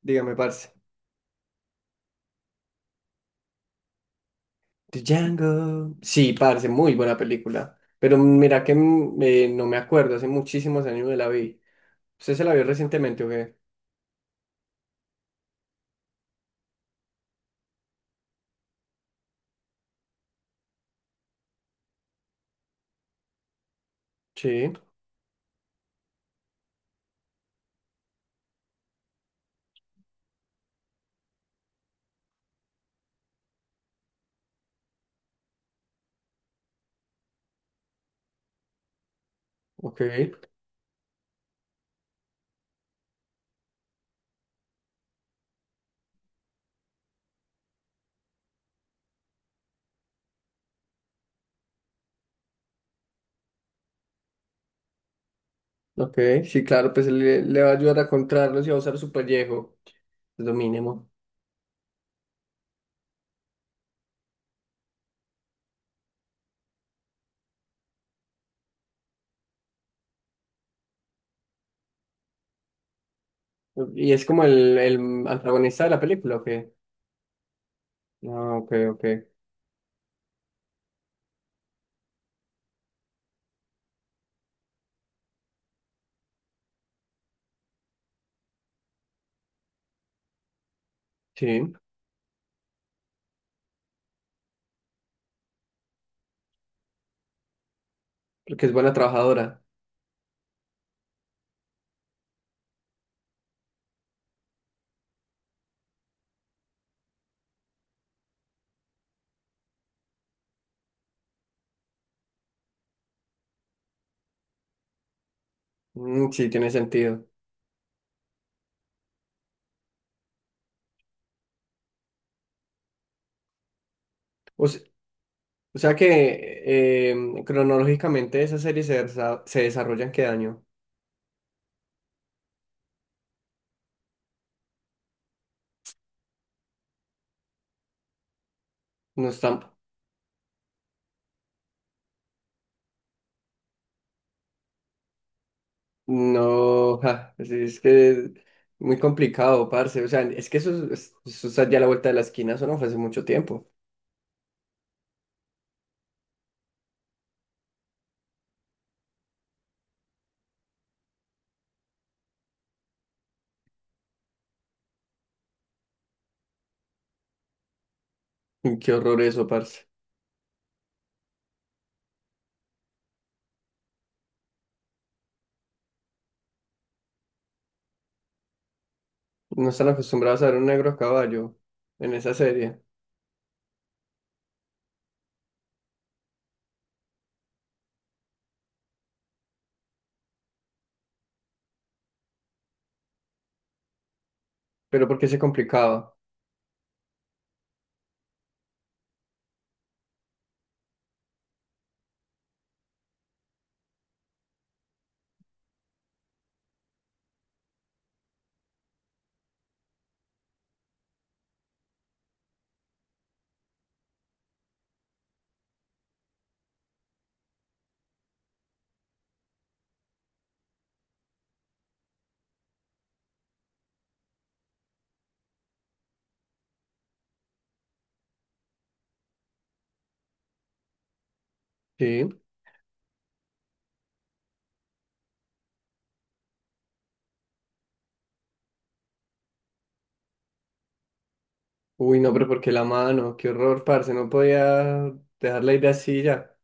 Dígame, parce. Django. Sí, parce, muy buena película. Pero mira que no me acuerdo, hace muchísimos años que la vi. ¿Usted se la vio recientemente o qué? Sí, ok, ok. Sí, claro, pues le va a ayudar a encontrarlos y a usar su pellejo. Es lo mínimo. ¿Y es como el antagonista de la película o qué? Ah, ok, ok. Sí, porque es buena trabajadora. Mm, sí, tiene sentido. O, se- o sea que cronológicamente esas series se desarrollan ¿qué año? No está, no, ja, es que muy complicado, parce. O sea, es que eso está ya a la vuelta de la esquina, eso no fue hace mucho tiempo. Y qué horror eso, parce. No están acostumbrados a ver un negro a caballo en esa serie. Pero ¿por qué se complicaba? Sí. Uy, no, pero ¿por qué la mano? Qué horror, parce. No podía dejarla ir así ya.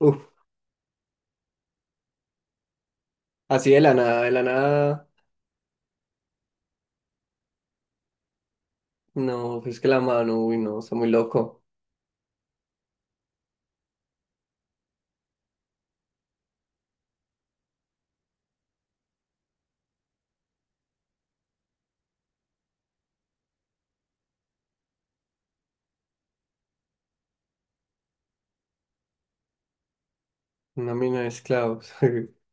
Uf, así de la nada, de la nada. No, es que la mano, uy, no, está muy loco. Una mina de esclavos.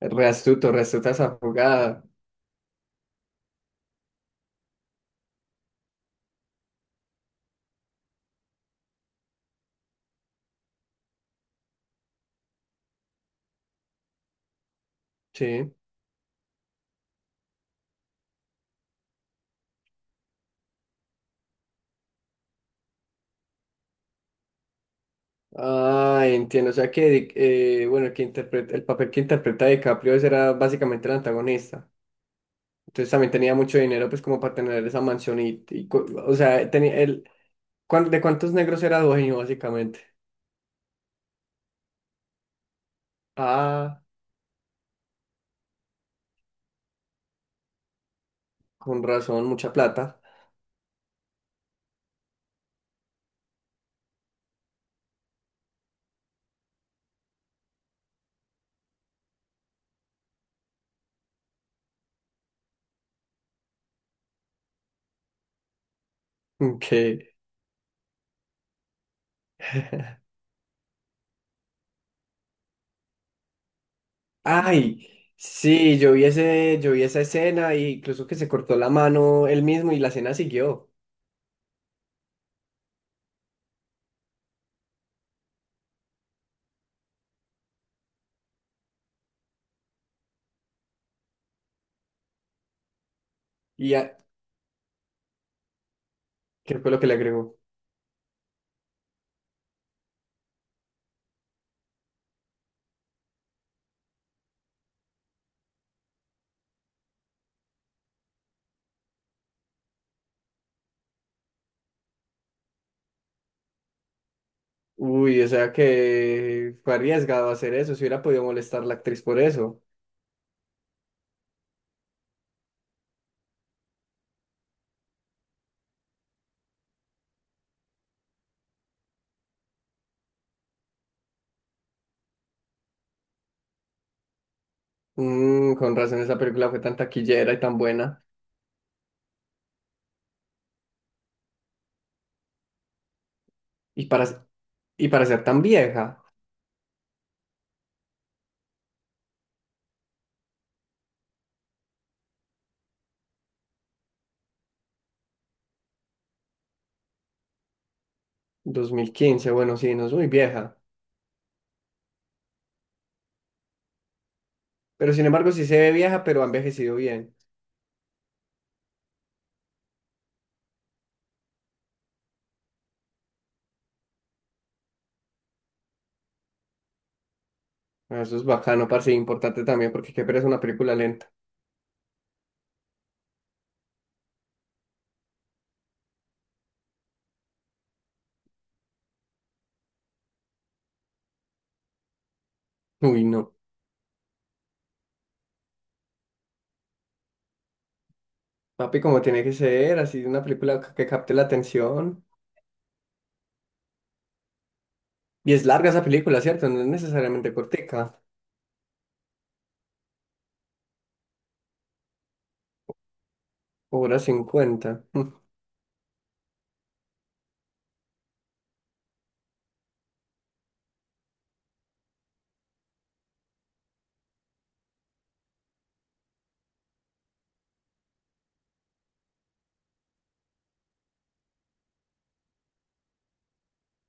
Re astuto, re astuta esa jugada. Sí. Ah, entiendo. O sea que bueno, el papel que interpreta DiCaprio ese era básicamente el antagonista. Entonces también tenía mucho dinero, pues, como para tener esa mansión y, o sea, de cuántos negros era dueño, básicamente? Ah, con razón, mucha plata. que Ay, sí, yo vi esa escena y incluso que se cortó la mano él mismo y la escena siguió. Y ah, ¿qué fue lo que le agregó? Uy, o sea que fue arriesgado hacer eso, si hubiera podido molestar la actriz por eso. Mm, con razón esa película fue tan taquillera y tan buena. Y para, y para ser tan vieja, 2015, bueno, sí, no es muy vieja. Pero sin embargo sí se ve vieja, pero ha envejecido bien. Ah, eso es bacano, parce, y importante también, porque qué pereza una película lenta. Uy, no. Papi, como tiene que ser, así una película que capte la atención. Y es larga esa película, ¿cierto? No es necesariamente cortica. 1:50.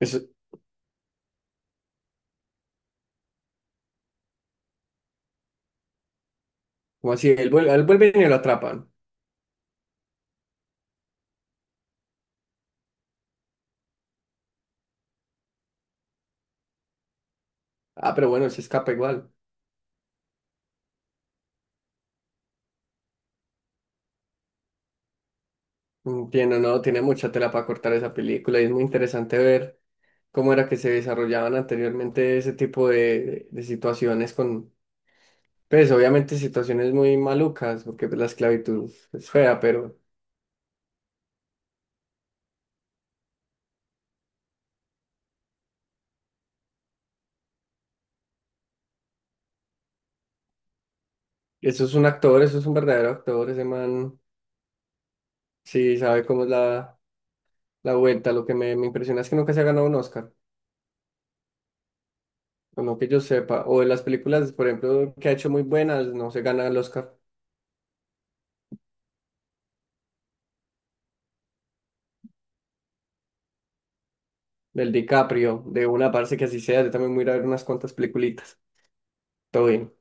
Eso, como así, él vuelve y lo atrapan. Ah, pero bueno, se escapa igual. Mm, tiene, no, tiene mucha tela para cortar esa película y es muy interesante ver cómo era que se desarrollaban anteriormente ese tipo de situaciones con, pues obviamente situaciones muy malucas, porque pues, la esclavitud es fea, pero eso es un actor, eso es un verdadero actor, ese man sí sabe cómo es la, la vuelta. Lo que me impresiona es que nunca se ha ganado un Oscar, o no que yo sepa, o de las películas, por ejemplo, que ha hecho muy buenas, no se gana el Oscar. Del DiCaprio, de una, parece que así sea. Yo también voy a ir a ver unas cuantas peliculitas. Todo bien.